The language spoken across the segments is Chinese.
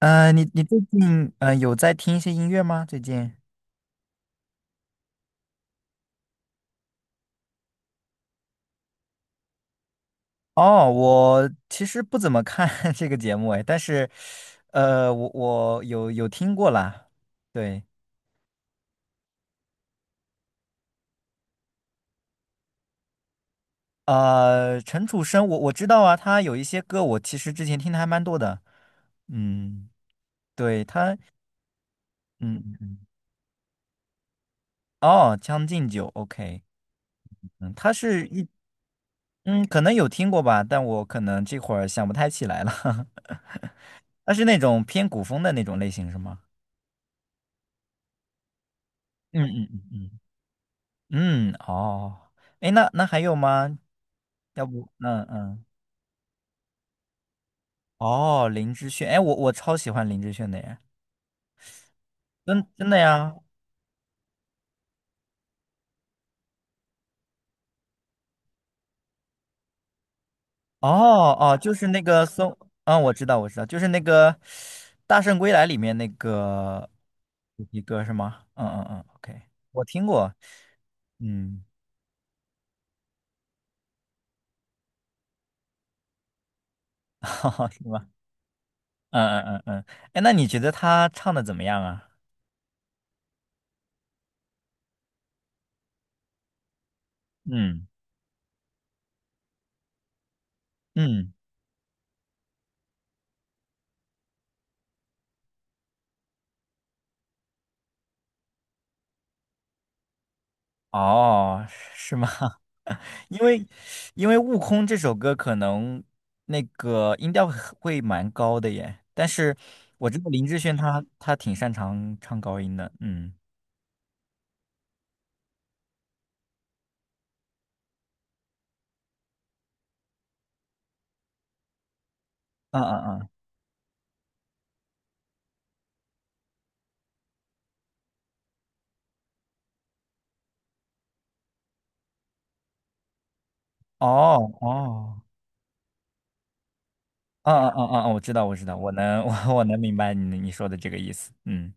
你最近有在听一些音乐吗？最近？哦，我其实不怎么看 这个节目哎，但是，我有听过啦。对，陈楚生，我知道啊，他有一些歌我其实之前听的还蛮多的。嗯，对他，嗯嗯，嗯哦，《将进酒》，OK,嗯，他是一，嗯，可能有听过吧，但我可能这会儿想不太起来了。他是那种偏古风的那种类型是吗？嗯嗯嗯嗯嗯哦，哎，那还有吗？要不，嗯嗯，哦，林志炫，哎，我超喜欢林志炫的耶，真的呀，哦哦，就是那个松，嗯，我知道我知道，就是那个《大圣归来》里面那个主题歌是吗？嗯嗯嗯，OK，我听过，嗯，哈哈是吗？嗯嗯嗯嗯，哎，那你觉得他唱的怎么样啊？嗯嗯，哦，是吗？因为因为《悟空》这首歌可能那个音调很会蛮高的耶，但是我知道林志炫他挺擅长唱高音的，嗯，嗯嗯嗯，哦哦，嗯嗯嗯嗯，嗯我知道我知道，我能 我能明白你说的这个意思，嗯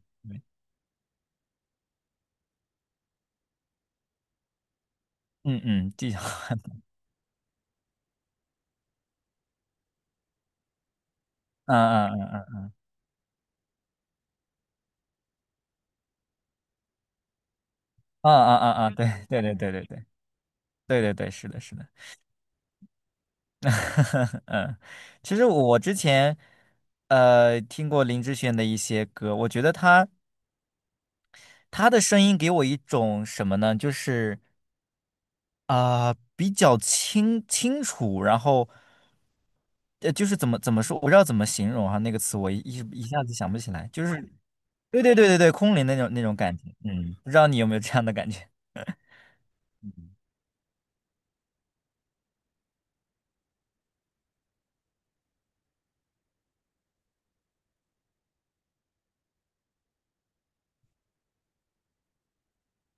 嗯嗯，技巧，嗯嗯嗯嗯嗯嗯嗯嗯，对对对对对对对对对，是的是的。嗯，其实我之前听过林志炫的一些歌，我觉得他他的声音给我一种什么呢？就是啊、比较清楚，然后呃，就是怎么说，我不知道怎么形容哈、那个词一下子想不起来，就是对对对对对，空灵那种那种感觉，嗯，不知道你有没有这样的感觉？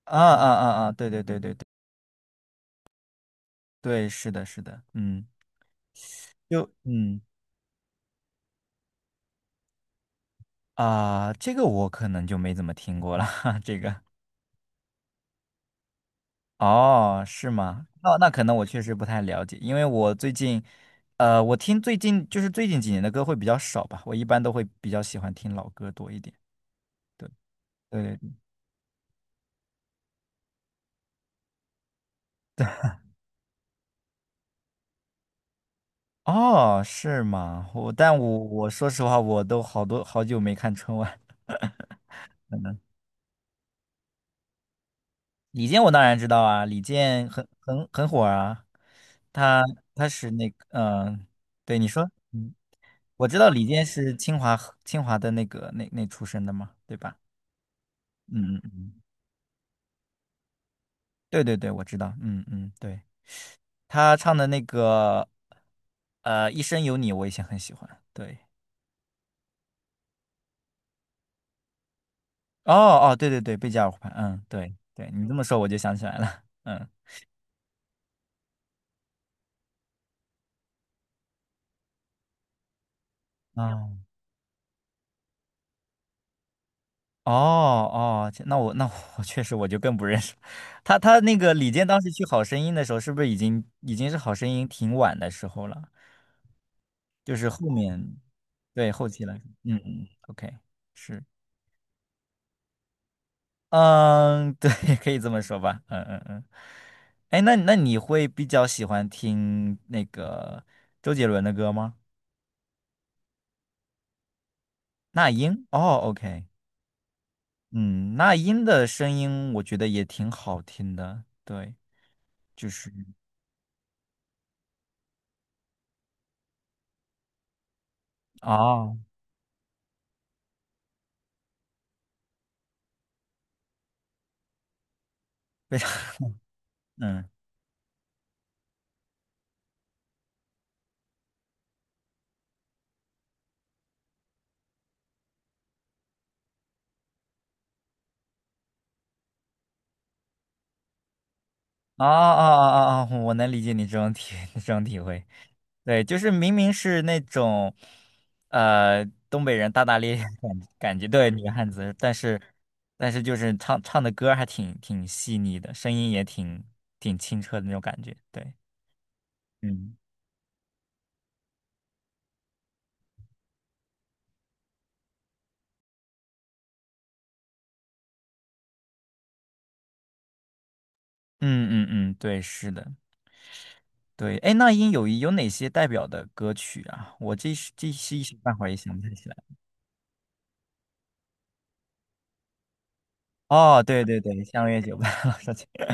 啊啊啊啊，对对对对对对，是的，是的，嗯，就嗯啊、这个我可能就没怎么听过了，哈，这个，哦，是吗？那那可能我确实不太了解，因为我最近，我听最近就是最近几年的歌会比较少吧，我一般都会比较喜欢听老歌多一点。对对，哦，是吗？但我我说实话，我都好多好久没看春晚。李健我当然知道啊，李健很很火啊，他他是那个嗯、对你说，嗯，我知道李健是清华清华的那个那出身的嘛，对吧？嗯嗯嗯。对对对，我知道，嗯嗯，对，他唱的那个《一生有你》，我以前很喜欢。对，哦哦，对对对，贝加尔湖畔，嗯，对对，你这么说我就想起来了，嗯，哦哦哦，这那我那我确实我就更不认识了他，他那个李健当时去《好声音》的时候，是不是已经是《好声音》挺晚的时候了？就是后面对后期了，嗯嗯，OK，是。嗯，对，可以这么说吧。嗯嗯嗯。哎，那你会比较喜欢听那个周杰伦的歌吗？那英？哦，OK。嗯，那英的声音我觉得也挺好听的。对，就是哦，非常 嗯。啊啊啊啊！啊 我能理解你这种体 这种体会，对，就是明明是那种，呃，东北人大大咧咧的感觉，对，女汉子，但是就是唱的歌儿还挺细腻的，声音也挺清澈的那种感觉，对，嗯嗯嗯嗯，对，是的，对，哎，那英有哪些代表的歌曲啊？我这是这是一时半会儿也想不太起来。哦，对对对，相约九八，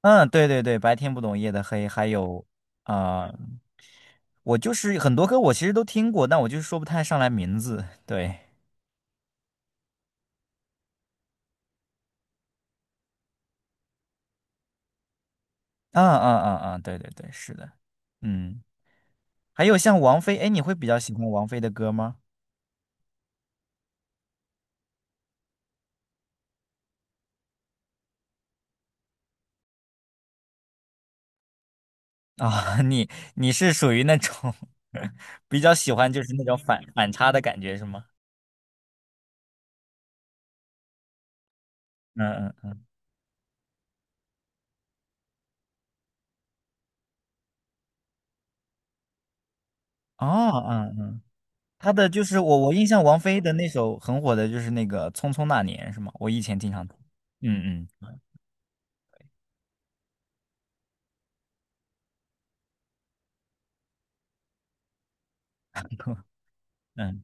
嗯，对对对，白天不懂夜的黑，还有啊、呃我就是很多歌我其实都听过，但我就是说不太上来名字。对，嗯嗯嗯嗯，对对对，是的，嗯，还有像王菲，哎，你会比较喜欢王菲的歌吗？啊、你是属于那种 比较喜欢就是那种反差的感觉是吗？嗯嗯，哦嗯，她的就是我我印象王菲的那首很火的就是那个《匆匆那年》是吗？我以前经常听，嗯嗯 嗯。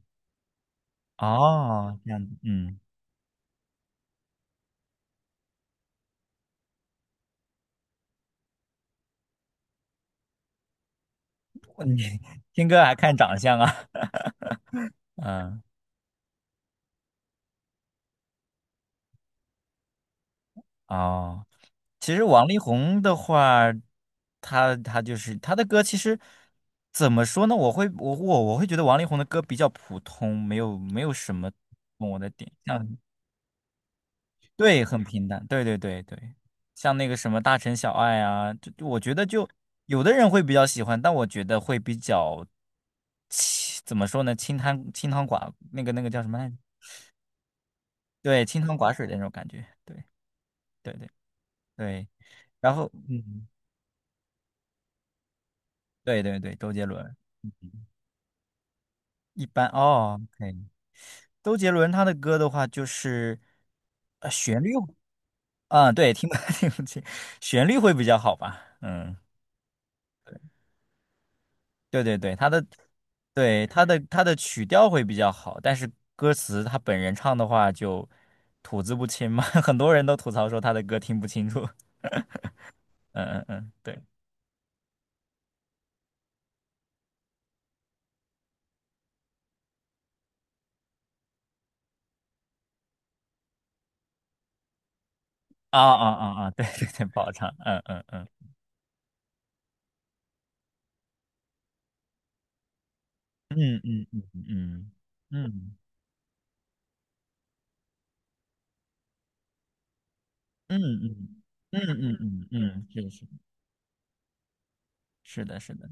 哦，这样子，嗯，哇你 听歌还看长相啊？嗯，哦，其实王力宏的话，他就是他的歌，其实怎么说呢？我我会觉得王力宏的歌比较普通，没有什么懂我的点，嗯，对，很平淡，对对对对，像那个什么大城小爱啊，就我觉得就有的人会比较喜欢，但我觉得会比较清，怎么说呢？清汤寡那个叫什么来着？对，清汤寡水的那种感觉，对对对对，然后嗯，对对对，周杰伦一般哦，OK，周杰伦他的歌的话就是呃旋律，嗯，对，听不 听不清，旋律会比较好吧，嗯，对对对，他的曲调会比较好，但是歌词他本人唱的话就吐字不清嘛，很多人都吐槽说他的歌听不清楚，嗯嗯嗯，对，啊啊啊啊，对对对，不好唱，嗯嗯嗯。嗯嗯嗯嗯嗯嗯嗯嗯嗯嗯嗯，是是是的，是的，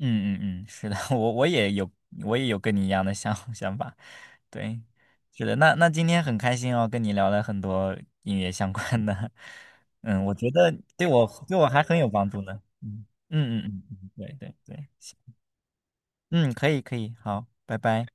嗯嗯嗯，是的，我也有我也有跟你一样的想 想法，对，是的，那今天很开心哦，跟你聊了很多音乐相关的，嗯，我觉得对我还很有帮助呢，嗯嗯嗯嗯嗯，对对对，行嗯，可以可以，好，拜拜。